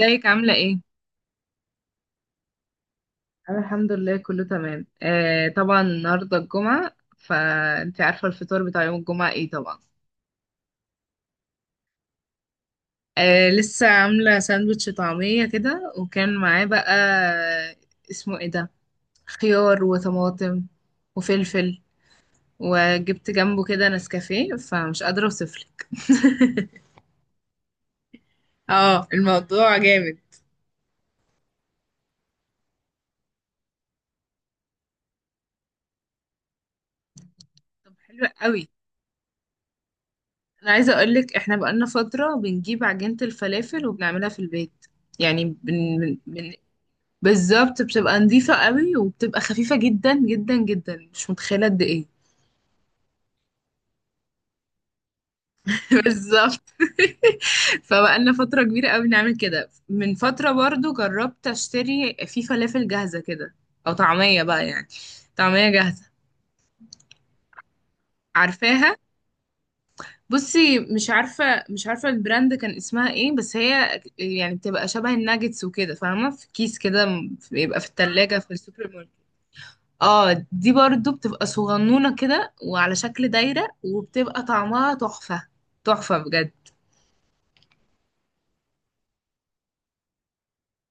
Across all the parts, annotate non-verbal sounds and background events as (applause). ازيك عاملة ايه؟ انا الحمد لله كله تمام، طبعا النهارده الجمعه، فانت عارفه الفطار بتاع يوم الجمعه ايه طبعا. آه، لسه عامله ساندوتش طعميه كده، وكان معاه بقى، اسمه ايه ده، خيار وطماطم وفلفل. وجبت جنبه كده نسكافيه، فمش قادره اوصفلك. اه، الموضوع جامد. طب حلو قوي. انا عايزه اقولك احنا بقالنا فتره بنجيب عجينه الفلافل وبنعملها في البيت. يعني. بالظبط، بتبقى نظيفة قوي وبتبقى خفيفة جدا جدا جدا، مش متخيلة قد ايه. (laughs) بالظبط. (laughs) فبقالنا فترة كبيرة قوي نعمل كده. من فترة برضو جربت اشتري في فلافل جاهزة كده، او طعمية بقى يعني، طعمية جاهزة. عارفاها، بصي مش عارفة، مش عارفة البراند كان اسمها ايه، بس هي يعني بتبقى شبه الناجتس وكده، فاهمة، في كيس كده، بيبقى في التلاجة في السوبر ماركت. اه، دي برضو بتبقى صغنونة كده وعلى شكل دايرة، وبتبقى طعمها تحفة. تحفة بجد.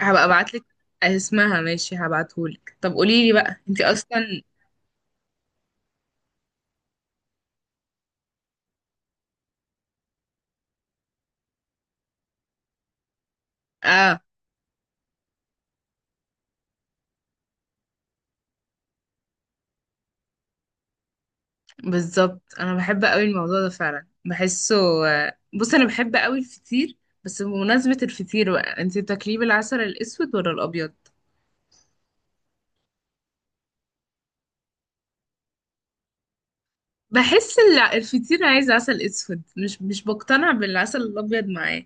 هبقى ابعتلك اسمها، ماشي، هبعتهولك. طب قوليلي بقى انتي اصلا. اه، بالظبط انا بحب قوي الموضوع ده، فعلا بحسه. بص انا بحب قوي الفطير. بس بمناسبة الفطير بقى، انتي بتاكليه بالعسل الاسود ولا الابيض؟ بحس الفطير عايز عسل اسود، مش بقتنع بالعسل الابيض معاه.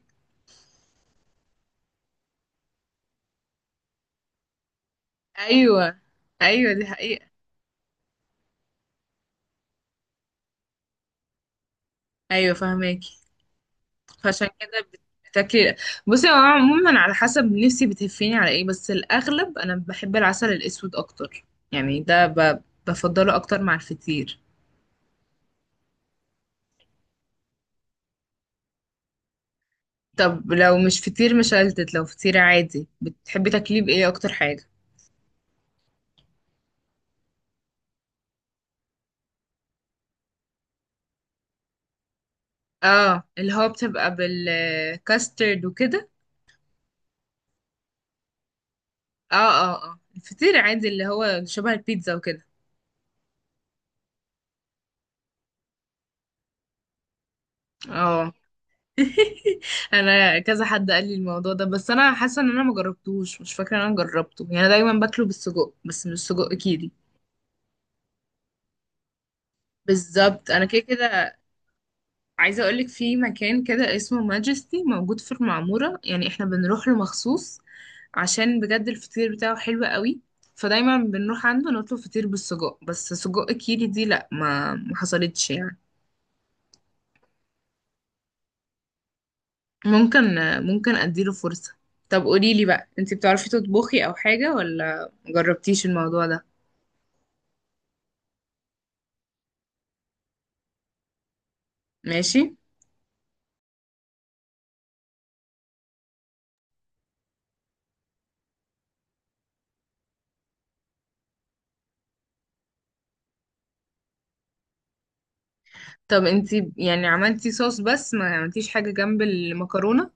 ايوه. ايوه، دي حقيقة. ايوه فهماكي. فعشان كده بتاكلي. بصي هو عموما على حسب نفسي بتهفيني على ايه، بس الاغلب انا بحب العسل الاسود اكتر. يعني ده ب... بفضله اكتر مع الفطير. طب لو مش فطير مشلتت، لو فطير عادي بتحبي تاكليه بايه اكتر حاجه؟ اه، اللي هو بتبقى بالكاسترد وكده. اه اه اه، الفطير عادي اللي هو شبه البيتزا وكده. اه. (laughs) انا كذا حد قال لي الموضوع ده، بس انا حاسه ان انا ما جربتوش، مش فاكره ان انا جربته، يعني انا دايما باكله بالسجق بس مش السجق كيري. بالظبط، انا كده كده. عايزه اقولك في مكان كده اسمه ماجستي، موجود في المعموره، يعني احنا بنروح له مخصوص عشان بجد الفطير بتاعه حلو قوي. فدايما بنروح عنده نطلب فطير بالسجق، بس سجق كيري دي لا، ما حصلتش يعني. ممكن ممكن اديله فرصة. طب قوليلي بقى انتي بتعرفي تطبخي او حاجة، ولا مجربتيش الموضوع ده؟ ماشي. طب انتي يعني عملتي صوص بس ما عملتيش حاجة جنب المكرونة؟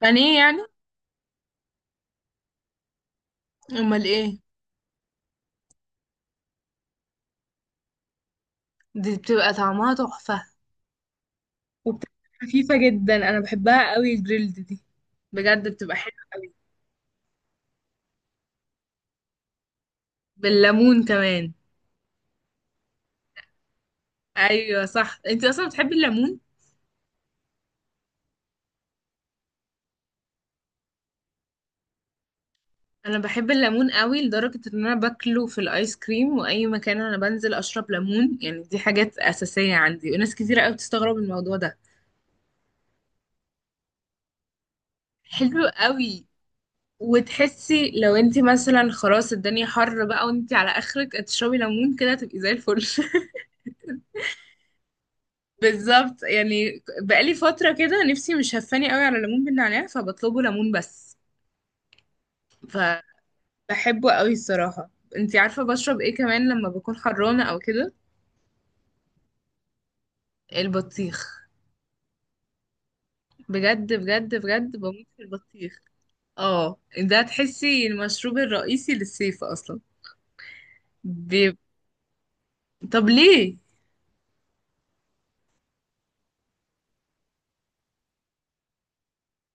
بانيه يعني. امال ايه. دي بتبقى طعمها تحفة، وبتبقى خفيفة جدا، انا بحبها قوي الجريلد دي، بجد بتبقى حلوة قوي. بالليمون كمان. ايوه صح، انتي اصلا بتحبي الليمون. انا بحب الليمون قوي، لدرجة ان انا باكله في الايس كريم، واي مكان انا بنزل اشرب ليمون، يعني دي حاجات اساسية عندي، وناس كتيرة قوي بتستغرب من الموضوع ده. حلو قوي. وتحسي لو انت مثلا خلاص الدنيا حر بقى، وانت على اخرك تشربي ليمون كده، تبقي زي الفل. (laughs) بالظبط، يعني بقالي فترة كده نفسي، مش هفاني قوي على ليمون بالنعناع، فبطلبه ليمون بس. فبحبه قوي الصراحة. انت عارفة بشرب ايه كمان لما بكون حرانة او كده؟ البطيخ. بجد بجد بجد بموت في البطيخ. اه ده تحسي المشروب الرئيسي للصيف اصلا. بي... طب ليه؟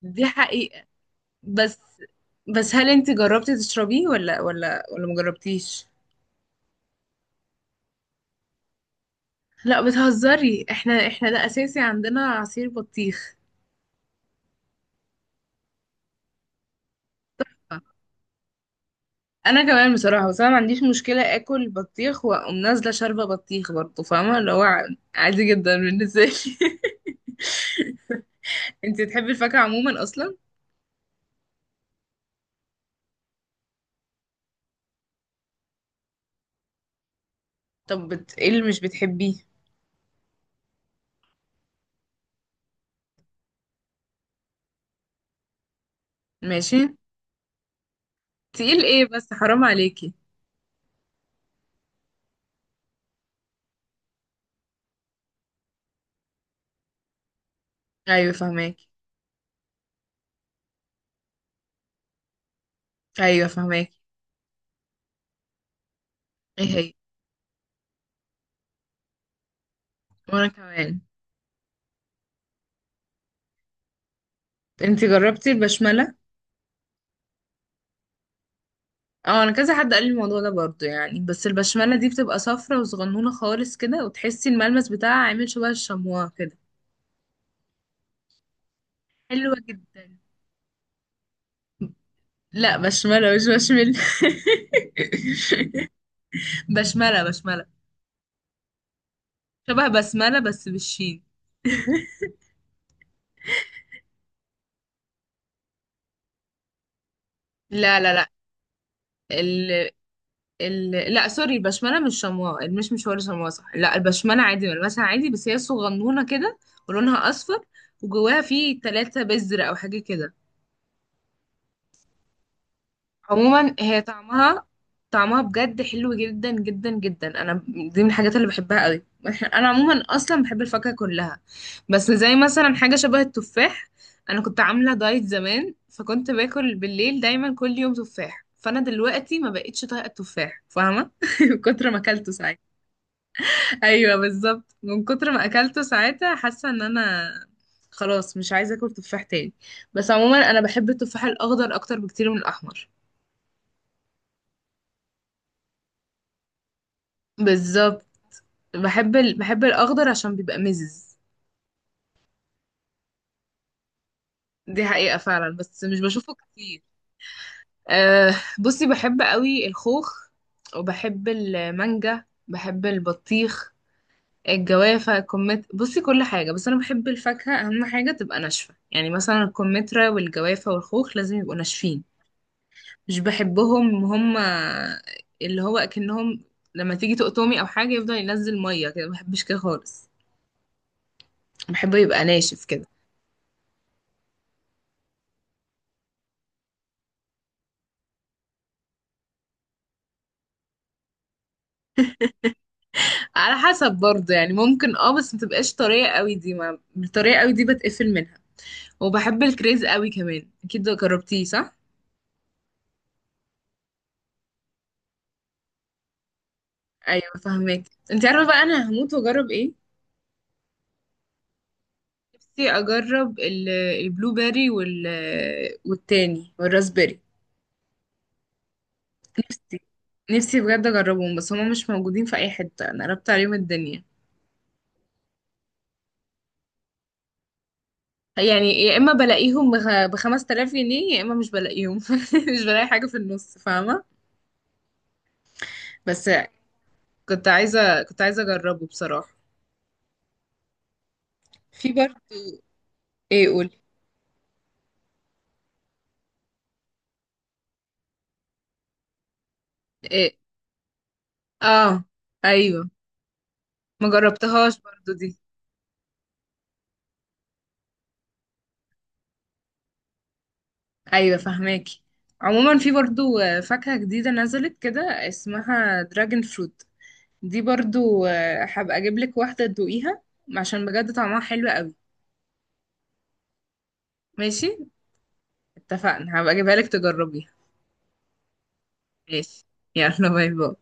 دي حقيقة. بس بس هل انت جربتي تشربيه، ولا مجربتيش؟ لا بتهزري، احنا ده اساسي عندنا عصير بطيخ. انا كمان بصراحة، بس انا ما عنديش مشكلة اكل بطيخ واقوم نازلة شاربة بطيخ برضه، فاهمة اللي هو، عادي جدا بالنسبة لي. (laughs) انت تحبي الفاكهة عموما اصلا. ايه اللي مش بتحبيه؟ ماشي. تقيل ايه بس حرام عليكي. ايوه فهماكي. ايوه فهماكي. ايه هي، وانا كمان. انتي جربتي البشمله؟ اه، انا كذا حد قال لي الموضوع ده برضو يعني، بس البشمله دي بتبقى صفرة وصغنونه خالص كده، وتحسي الملمس بتاعها عامل شبه الشموع كده. حلوه جدا. لا، بشمله مش بشمل. (laughs) بشمله، بشمله. شبه بسمله بس بالشين. لا لا. لا، لا سوري، البشمله مش شمواء، مش هو اللي شمواء، صح؟ لا، البشمله عادي، ملمسها عادي، بس هي صغنونه كده، ولونها اصفر، وجواها فيه 3 بذر او حاجه كده. عموما هي طعمها، طعمها بجد حلو جدا جدا جدا، انا دي من الحاجات اللي بحبها قوي. انا عموما اصلا بحب الفاكهه كلها، بس زي مثلا حاجه شبه التفاح، انا كنت عامله دايت زمان، فكنت باكل بالليل دايما كل يوم تفاح، فانا دلوقتي ما بقتش طايقه التفاح، فاهمه، (laughs) من كتر ما اكلته ساعتها. ايوه بالظبط، من كتر ما اكلته ساعتها حاسه ان انا خلاص مش عايزه اكل تفاح تاني. بس عموما انا بحب التفاح الاخضر اكتر بكتير من الاحمر. بالظبط. بحب الاخضر عشان بيبقى مزز. دي حقيقه فعلا. بس مش بشوفه كتير. أه، بصي بحب قوي الخوخ، وبحب المانجا، بحب البطيخ، الجوافة، الكمت. بصي كل حاجة، بس أنا بحب الفاكهة أهم حاجة تبقى ناشفة، يعني مثلا الكمثرى والجوافة والخوخ لازم يبقوا ناشفين، مش بحبهم هم اللي هو اكنهم لما تيجي تقطمي او حاجه يفضل ينزل ميه كده، ما بحبش كده خالص، بحبه يبقى ناشف كده. على حسب برضه يعني، ممكن اه بس ما تبقاش طريه قوي، دي ما الطريه قوي دي بتقفل منها. وبحب الكريز قوي كمان، اكيد جربتيه صح؟ ايوه فاهمك. انت عارفه بقى انا هموت واجرب ايه؟ نفسي اجرب البلو بيري، والتاني والراسبيري. نفسي نفسي بجد اجربهم، بس هما مش موجودين في اي حته، انا قربت عليهم الدنيا. يعني يا اما بلاقيهم بخمس تلاف جنيه، يا اما مش بلاقيهم، (laughs) مش بلاقي حاجه في النص، فاهمه. بس كنت عايزه اجربه بصراحه. في برضه. ايه قول. إيه؟ اه ايوه. ما جربتهاش برضو دي. ايوه فهماكي. عموما في برضو، آه، فاكهه جديده نزلت كده، اسمها دراجون فروت. دي برضو، آه، هبقى اجيب لك واحده تدوقيها عشان بجد طعمها حلو قوي. ماشي، اتفقنا، هبقى اجيبها لك تجربيها. ماشي، يلا باي باي.